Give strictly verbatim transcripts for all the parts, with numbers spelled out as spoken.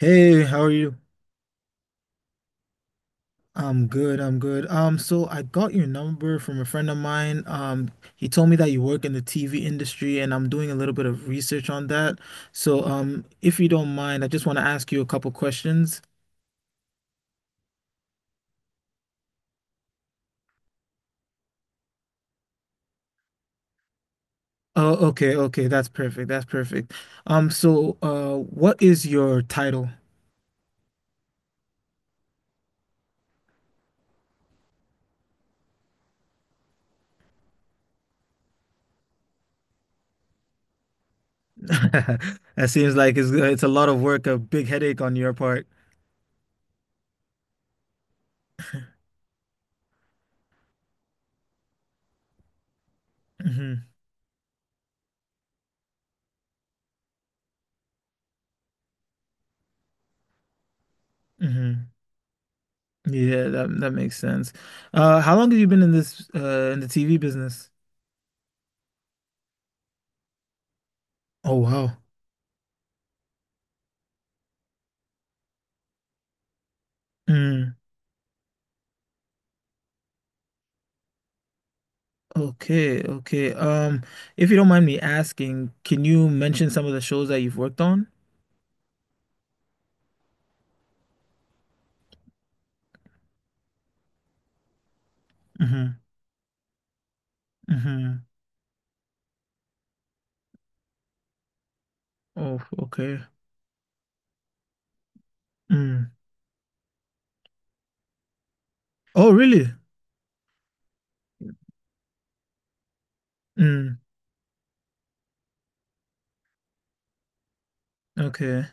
Hey, how are you? I'm good, I'm good. Um, so I got your number from a friend of mine. Um, he told me that you work in the T V industry and I'm doing a little bit of research on that. So, um, if you don't mind, I just want to ask you a couple questions. Oh, okay, okay, that's perfect. That's perfect. Um, so, uh, what is your title? That seems like it's uh, it's a lot of work, a big headache on your part. hmm hmm Yeah, that that makes sense. Uh, how long have you been in this uh in the T V business? Oh wow. Mm, okay, okay. Um, if you don't mind me asking, can you mention some of the shows that you've worked on? Mm-hmm. Mm-hmm. Oh, okay. Mm. Oh, really? Mm. Okay.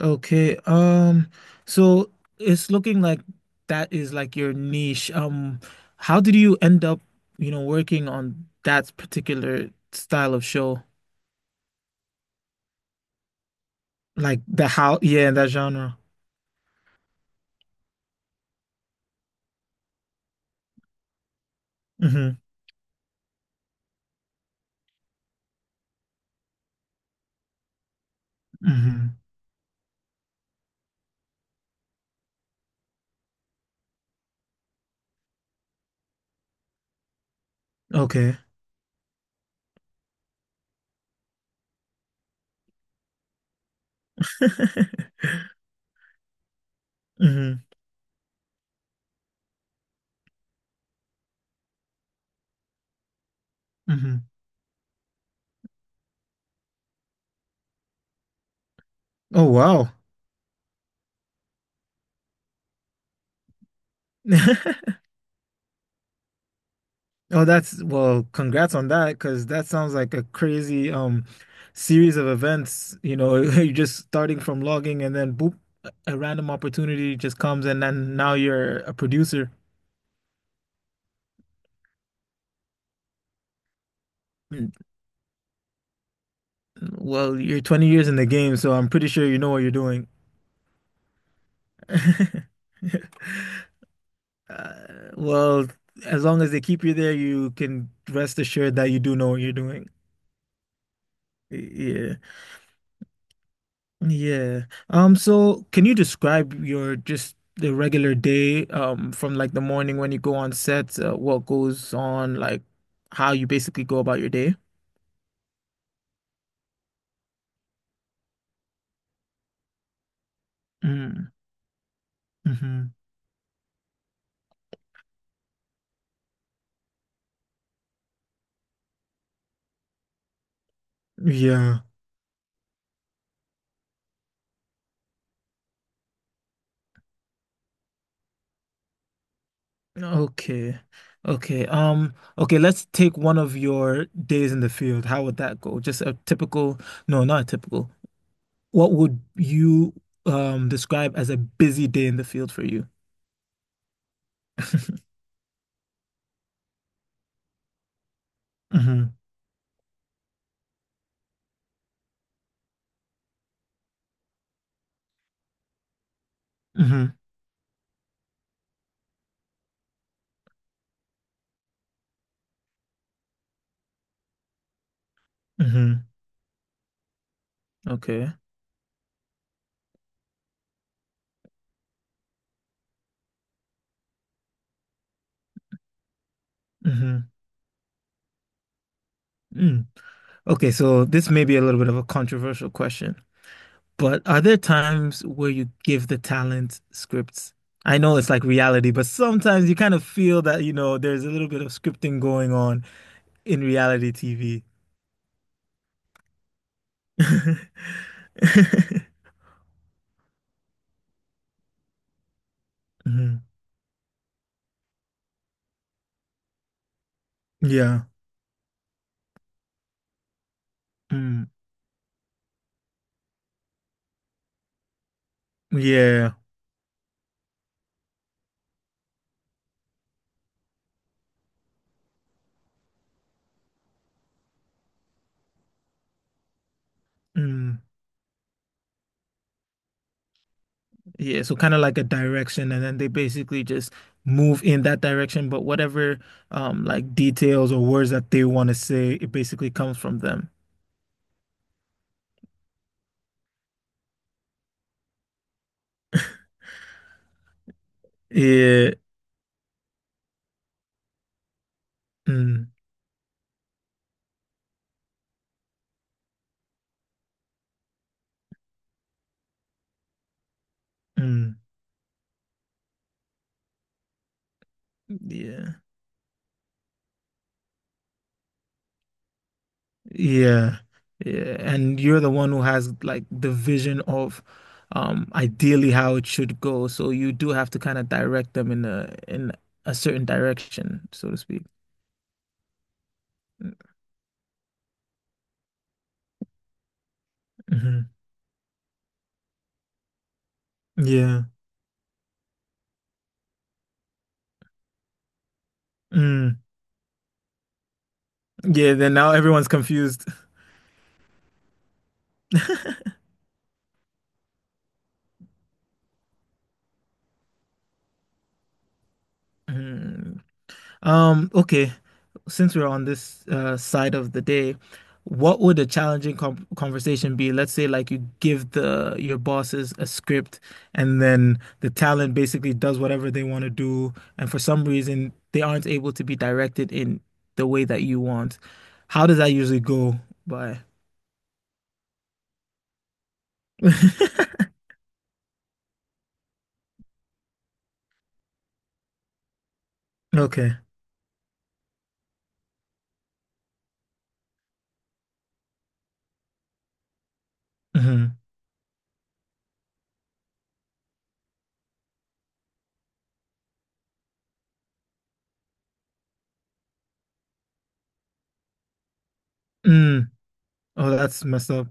Okay. Um, so it's looking like that is like your niche. Um, how did you end up, you know, working on that particular style of show? Like the how, yeah, that genre. Mm-hmm. Mm-hmm. Okay. Mm-hmm. hmm Oh, wow. Oh, that's well, congrats on that because that sounds like a crazy um series of events. You know, you're just starting from logging and then boop, a random opportunity just comes and then now you're a producer. Mm. Well, you're twenty years in the game, so I'm pretty sure you know what you're doing. Uh, well, as long as they keep you there, you can rest assured that you do know what you're doing. Y- yeah. Yeah. Um, so can you describe your just the regular day, um, from like the morning when you go on set, uh, what goes on, like how you basically go about your day? Mm. Hmm. Yeah. Okay. Okay. Um, okay, let's take one of your days in the field. How would that go? Just a typical, no, not a typical. What would you um describe as a busy day in the field for you? Mm-hmm. Mm-hmm. Mm-hmm. Okay. Mm-hmm. Mm. Okay, so this may be a little bit of a controversial question, but are there times where you give the talent scripts? I know it's like reality, but sometimes you kind of feel that, you know, there's a little bit of scripting going on in reality T V. Mhm. Yeah. Mm. Yeah. Mm. Yeah. So kind of like a direction, and then they basically just move in that direction, but whatever um like details or words that they want to say, it basically comes from them. Yeah. Mm, mm, yeah, yeah, yeah. And you're the one who has like the vision of um ideally how it should go. So you do have to kind of direct them in a in a certain direction, so to speak. Hmm. Yeah. Mm, yeah, then now everyone's confused. Mm. Um, okay. Since we're on this uh, side of the day, what would a challenging com conversation be? Let's say like you give the your bosses a script and then the talent basically does whatever they want to do, and for some reason they aren't able to be directed in the way that you want. How does that usually go by? Okay. Hmm. Mm. Oh, that's messed up.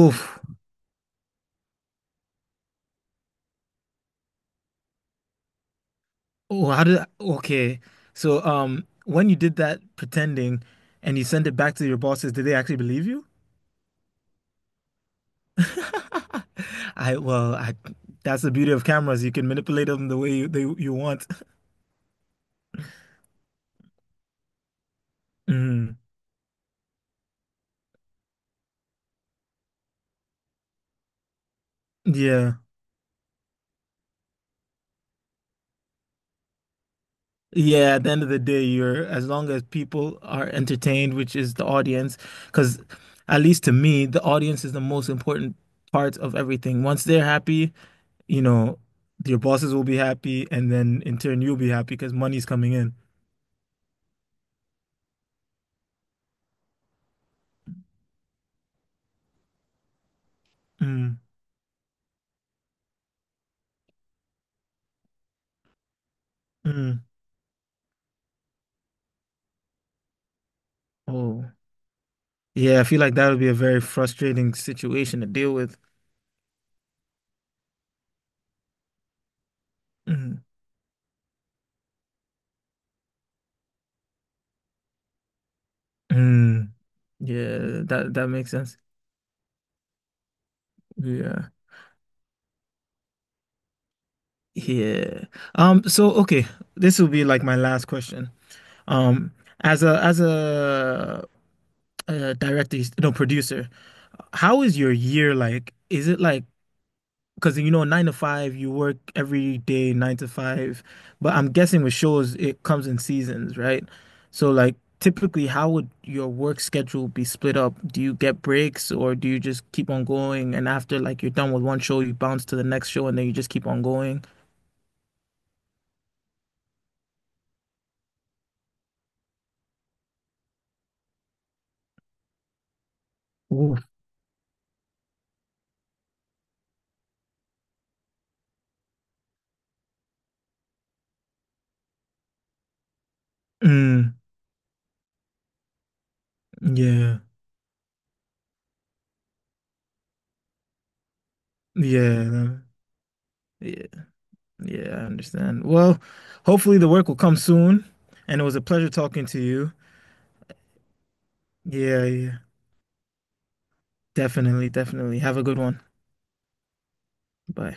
Oof. Oh, how did I, okay. So, um, when you did that pretending and you sent it back to your bosses, did they actually believe you? I well, I that's the beauty of cameras. You can manipulate them the way you they, you want. Mm, yeah. Yeah, at the end of the day, you're as long as people are entertained, which is the audience, because at least to me, the audience is the most important part of everything. Once they're happy, you know, your bosses will be happy, and then in turn you'll be happy because money's coming in. Mm, mm. Oh, yeah. I feel like that would be a very frustrating situation to deal with. Mm, mm. Yeah, that that makes sense. Yeah, yeah. Um. So, okay, this will be like my last question. Um. As a as a, uh director, no producer, how is your year like? Is it like because you know nine to five you work every day nine to five but I'm guessing with shows it comes in seasons right so like typically how would your work schedule be split up do you get breaks or do you just keep on going and after like you're done with one show you bounce to the next show and then you just keep on going. Oof. Mm, yeah, yeah, yeah, yeah, I understand. Well, hopefully the work will come soon and it was a pleasure talking to you. Yeah, yeah, definitely, definitely, have a good one. Bye.